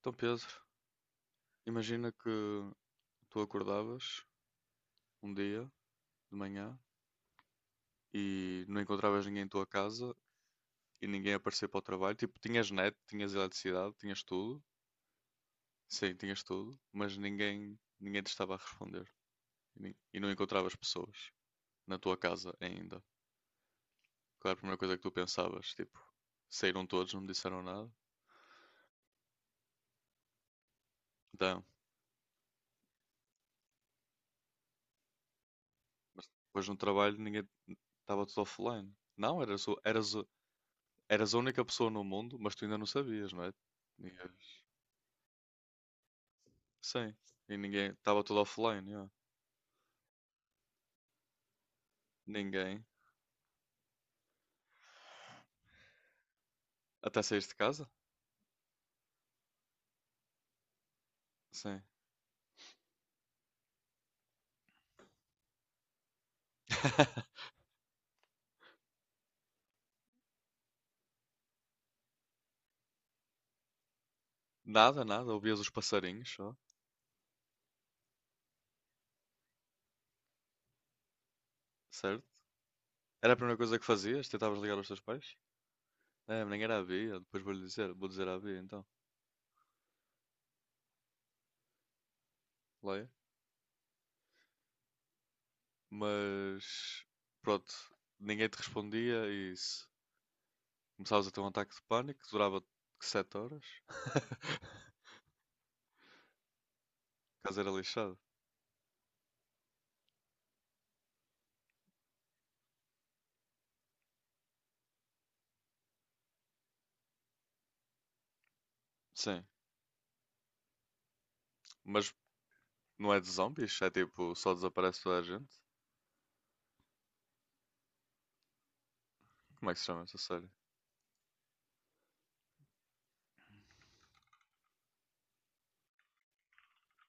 Então, Pedro, imagina que tu acordavas um dia de manhã e não encontravas ninguém em tua casa e ninguém aparecia para o trabalho. Tipo, tinhas net, tinhas eletricidade, tinhas tudo. Sim, tinhas tudo, mas ninguém te estava a responder. E não encontravas pessoas na tua casa ainda. Claro, a primeira coisa que tu pensavas, tipo, saíram todos, não me disseram nada. Então, depois no trabalho ninguém estava tudo offline. Não, eras a única pessoa no mundo, mas tu ainda não sabias, não é? Tinhas- Sim. E ninguém. Estava tudo offline, yeah. Ninguém. Até saíste de casa? Sim. Nada, nada. Ouvias os passarinhos, só. Certo? Era a primeira coisa que fazias? Tentavas ligar aos teus pais? É, nem era a Bia. Depois vou-lhe dizer. Vou dizer à Bia, então. Leia. Mas. Pronto. Ninguém te respondia e isso. Começavas a ter um ataque de pânico que durava 7 horas. O caso era lixado. Sim. Mas não é de zombies? É tipo, só desaparece toda a gente? Como é que se chama essa série?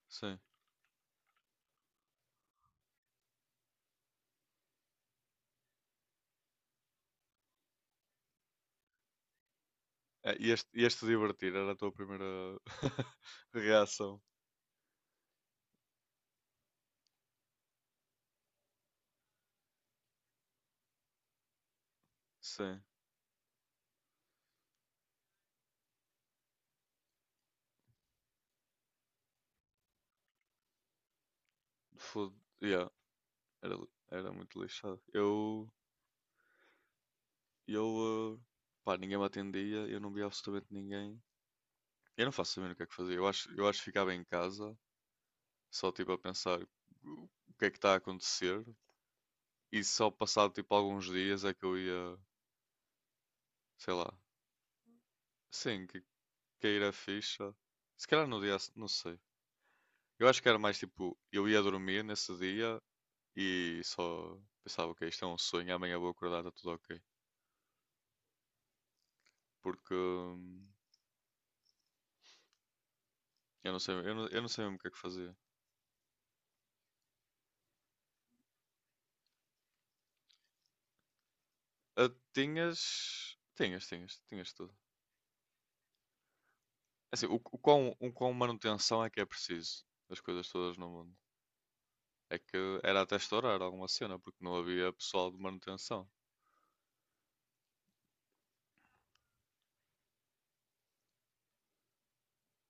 Sim. É, ias-te divertir, era a tua primeira reação. Sim, foda, yeah, era muito lixado. Eu, pá, ninguém me atendia, eu não via absolutamente ninguém. Eu não faço saber o que é que fazia. Eu acho que ficava em casa, só tipo a pensar o que é que está a acontecer. E só passado tipo alguns dias é que eu ia, sei lá, sim, que cair a ficha. Se calhar no dia, a se- não sei. Eu acho que era mais tipo, eu ia dormir nesse dia e só pensava, ok, isto é um sonho, amanhã vou acordar, está tudo ok. Porque eu não sei mesmo o que é que fazia. Ah, tinhas tudo. É assim, o quão manutenção é que é preciso das coisas todas no mundo? É que era até estourar alguma cena, porque não havia pessoal de manutenção.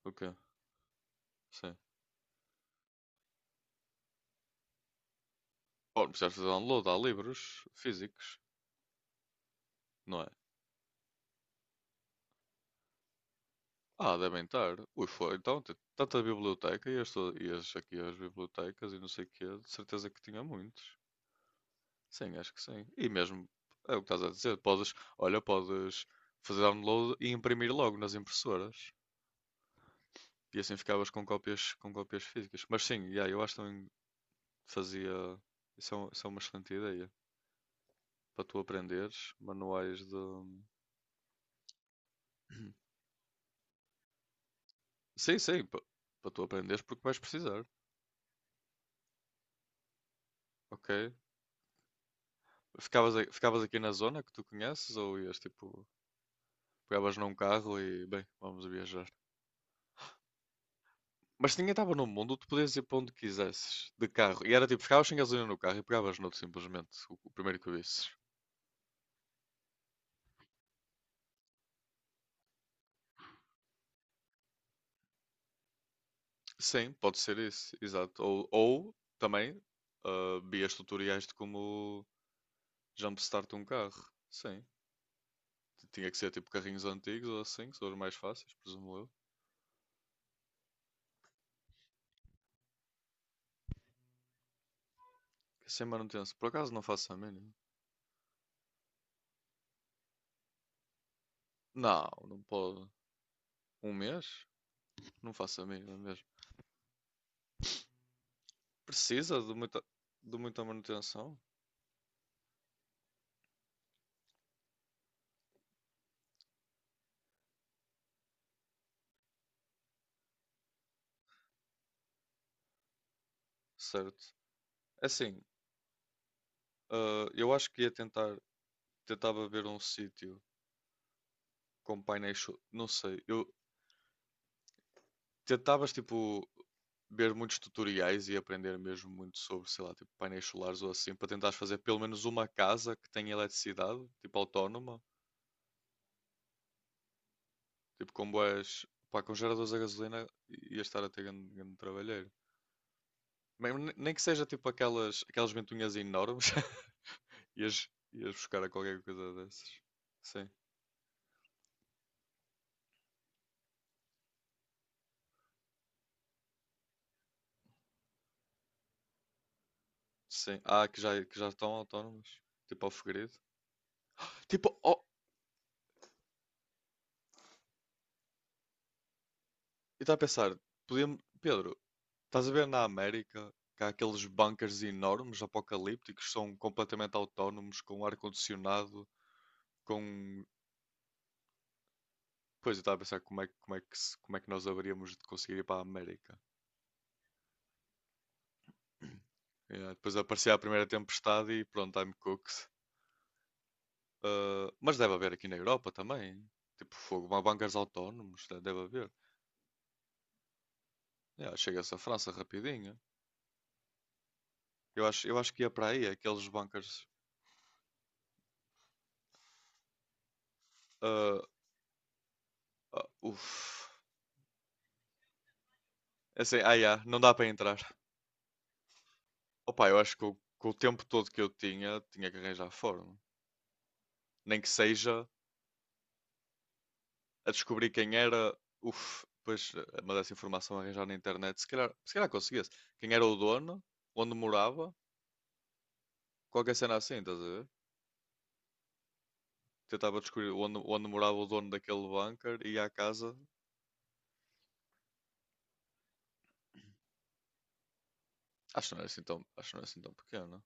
O quê? Sim. Bom, precisaste fazer download, há livros físicos, não é? Ah, devem estar. Ui, foi. Então, tanta biblioteca, ias aqui às bibliotecas e não sei o quê, de certeza que tinha muitos. Sim, acho que sim. E mesmo, é o que estás a dizer, podes, olha, podes fazer download e imprimir logo nas impressoras. E assim ficavas com cópias físicas. Mas sim, yeah, eu acho que também fazia. Isso é uma excelente ideia. Para tu aprenderes manuais de. Sim, sim, para tu aprenderes porque vais precisar, ok? Ficavas aqui na zona que tu conheces ou ias tipo, pegavas num carro e bem, vamos viajar. Mas se ninguém estava no mundo, tu podias ir para onde quisesses, de carro. E era tipo, ficavas sem gasolina no carro e pegavas noutro simplesmente, o primeiro que visses. Sim, pode ser isso, exato. Ou também vias tutoriais de como jumpstart um carro. Sim, tinha que ser tipo carrinhos antigos ou assim, que são os mais fáceis, presumo eu. Que Sem manutenção, por acaso não faço a mínima. Não, não pode. Um mês? Não faço a mínima mesmo. Precisa de muita manutenção, certo? É assim, eu acho que tentava ver um sítio com painéis, não sei, eu tentavas tipo ver muitos tutoriais e aprender mesmo muito sobre, sei lá, tipo painéis solares ou assim, para tentares fazer pelo menos uma casa que tenha eletricidade, tipo autónoma, tipo com boas, pá, com geradores a gasolina ia estar a ter grande, grande trabalheiro. Mesmo nem que seja tipo aquelas ventoinhas enormes. Ias, ias buscar a qualquer coisa dessas. Sim, sim. Ah, que já estão autónomas. Tipo ao Figueiredo. Tipo, oh, eu estava a pensar, podíamos... Pedro, estás a ver na América que há aqueles bunkers enormes, apocalípticos, que são completamente autónomos, com ar-condicionado, com... Pois, eu estava a pensar como é que, se- como é que nós haveríamos de conseguir ir para a América. Yeah, depois aparecia a primeira tempestade e pronto, I'm cooked. Ah, mas deve haver aqui na Europa também. Tipo, fogo, bancos autónomos, deve haver. Yeah, chega-se à França rapidinho. Eu acho que ia para aí, aqueles bancos. Ah, ah, uf. É assim, yeah, não dá para entrar. Opa, eu acho que com o tempo todo que eu tinha, tinha que arranjar forma. Nem que seja a descobrir quem era. Uf, pois, mas essa informação a arranjar na internet, se calhar conseguia-se. Quem era o dono, onde morava, qualquer cena assim, estás a ver? Tentava descobrir onde morava o dono daquele bunker e ia à casa. Acho que não era assim tão pequeno.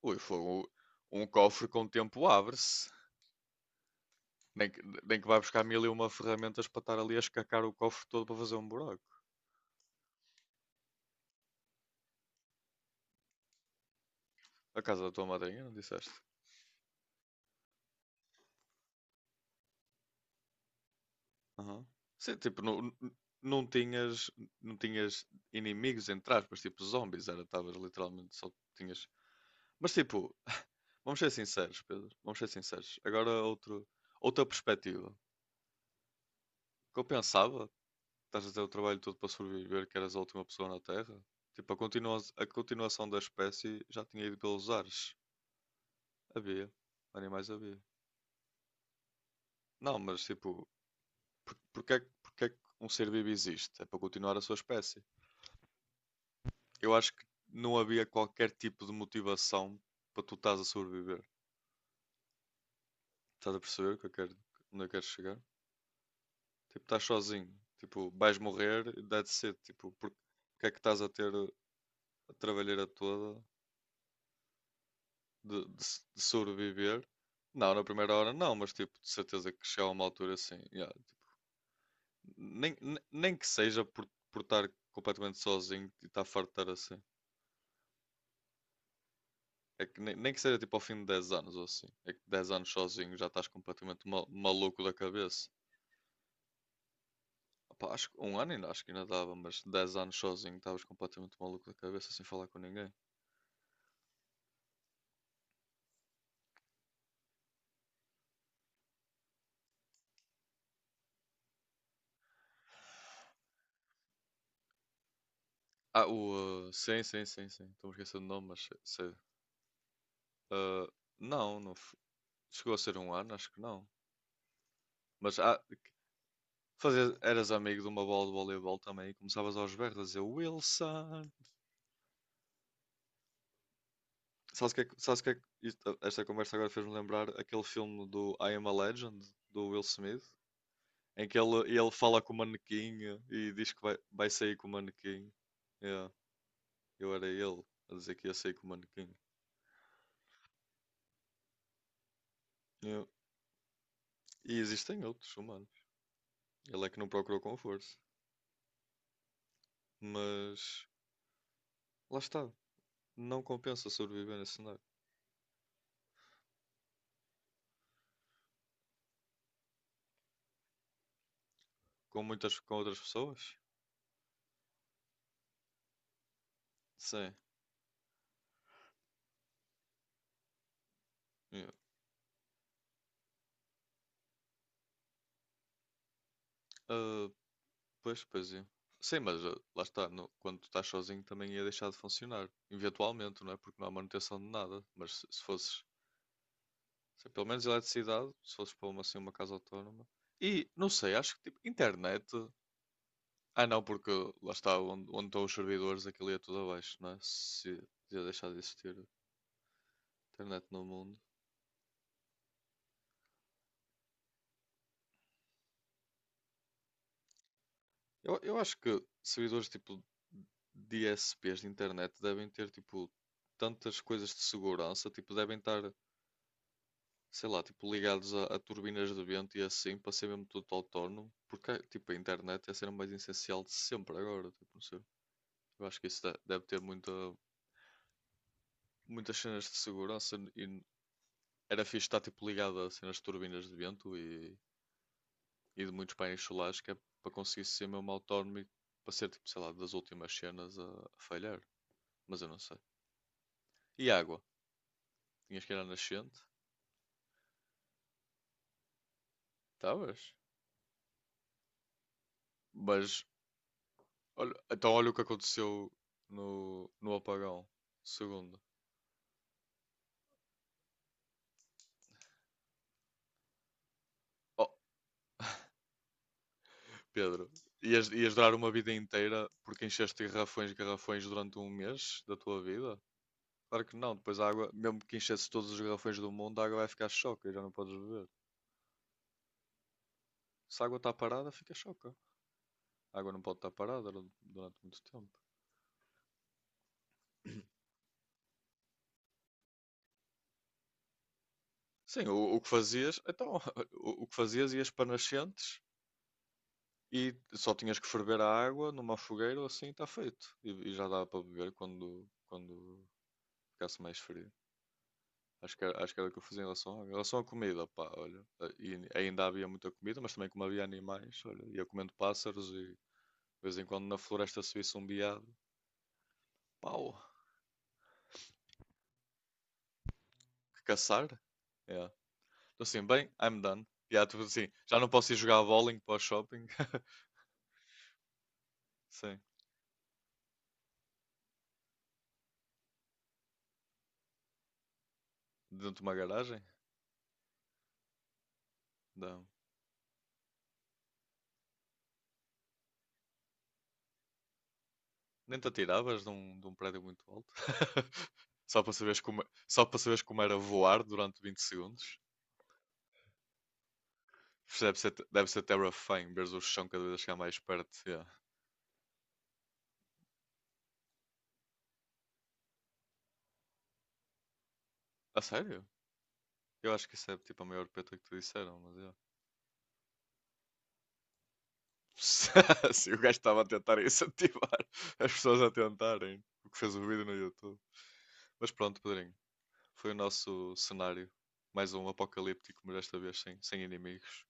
Ui, foi um cofre. Com o tempo abre-se. Nem que vai buscar mil e uma ferramentas para estar ali a escacar o cofre todo para fazer um buraco. A casa da tua madrinha, não disseste? Aham. Sim, tipo, não, não tinhas, não tinhas inimigos entre aspas, tipo zombies, era, estavas literalmente só tinhas. Mas tipo, vamos ser sinceros, Pedro, vamos ser sinceros. Agora outra perspectiva. O que eu pensava. Estás a ter o trabalho todo para sobreviver, que eras a última pessoa na Terra? Tipo, continua a continuação da espécie já tinha ido pelos ares. Havia. Animais havia. Não, mas tipo, porque é que um ser vivo existe? É para continuar a sua espécie. Eu acho que não havia qualquer tipo de motivação para tu estás a sobreviver. Estás a perceber o que eu quero, onde eu quero chegar? Tipo, estás sozinho. Tipo, vais morrer, e that's it. Tipo, porque é que estás a ter a trabalheira toda de sobreviver. Não, na primeira hora não, mas tipo, de certeza que chega a uma altura assim. Yeah, nem que seja por estar completamente sozinho e estar farto de estar assim. É que nem que seja tipo ao fim de 10 anos ou assim. É que dez anos sozinho já estás completamente maluco da cabeça. Opá, acho que um ano ainda acho que ainda dava, mas 10 anos sozinho estavas completamente maluco da cabeça sem falar com ninguém. Ah, o. Sim, sim, sim, sim. Estou-me esquecendo o nome, mas sei. Sei. Uh, não, não. Chegou a ser um ano, acho que não. Mas há, eras amigo de uma bola de voleibol também e começavas aos berros a dizer Wilson. Esta conversa agora fez-me lembrar aquele filme do I Am a Legend, do Will Smith, em que ele fala com o manequim e diz que vai sair com o manequim. Yeah, eu era ele a dizer que ia sair com o manequim. Yeah. E existem outros humanos. Ele é que não procurou com força. Mas lá está. Não compensa sobreviver nesse cenário. Com muitas, com outras pessoas. Sim. Yeah. Ah, pois, pois é. Sim, mas lá está, quando tu estás sozinho também ia deixar de funcionar. Eventualmente, não é? Porque não há manutenção de nada. Mas se fosses, se pelo menos eletricidade, se fosses para uma, assim, uma casa autónoma. E, não sei, acho que tipo, internet. Ah, não, porque lá está, onde estão os servidores, aquilo ia tudo abaixo, não é? Se ia deixar de existir internet no mundo. Eu acho que servidores tipo DSPs de internet devem ter tipo tantas coisas de segurança, tipo, devem estar sei lá, tipo, ligados a turbinas de vento e assim, para ser mesmo tudo autónomo, porque tipo, a internet é a cena mais essencial de sempre agora, tipo, não sei. Eu acho que isso deve ter muitas cenas de segurança e era fixe estar tipo, ligado a cenas de turbinas de vento e de muitos painéis solares, que é para conseguir ser mesmo autónomo e para ser, tipo, sei lá, das últimas cenas a falhar, mas eu não sei. E água? Tinhas que ir à nascente? Estavas? Mas, olha, então olha o que aconteceu no apagão. Segunda. Oh, Pedro, ias durar uma vida inteira porque encheste garrafões e garrafões durante um mês da tua vida? Claro que não, depois a água, mesmo que enchesse todos os garrafões do mundo, a água vai ficar choca e já não podes beber. Se a água está parada, fica choca. A água não pode estar parada durante muito tempo. Sim, o que fazias, então, o que fazias ias para nascentes e só tinhas que ferver a água numa fogueira ou assim, está feito. E já dava para beber quando ficasse mais frio. Acho que era o que eu fazia em relação, em relação à comida, pá, olha. E ainda havia muita comida, mas também como havia animais, olha, ia comendo pássaros e de vez em quando na floresta se visse um veado, pau, que caçar. É. Então assim, bem, I'm done. Já, tipo assim, já não posso ir jogar bowling para o shopping. Sim, dentro de uma garagem. Não. Nem te atiravas de de um prédio muito alto. Só para saberes como, só para saberes como era voar durante 20 segundos. Isto deve ser terrifying, veres o chão cada vez a chegar mais perto. Yeah. A sério? Eu acho que isso é tipo a maior peta que te disseram, mas eu. Se o gajo estava a tentar incentivar as pessoas a tentarem o que fez o vídeo no YouTube. Mas pronto, Pedrinho, foi o nosso cenário. Mais um apocalíptico, mas desta vez sem inimigos.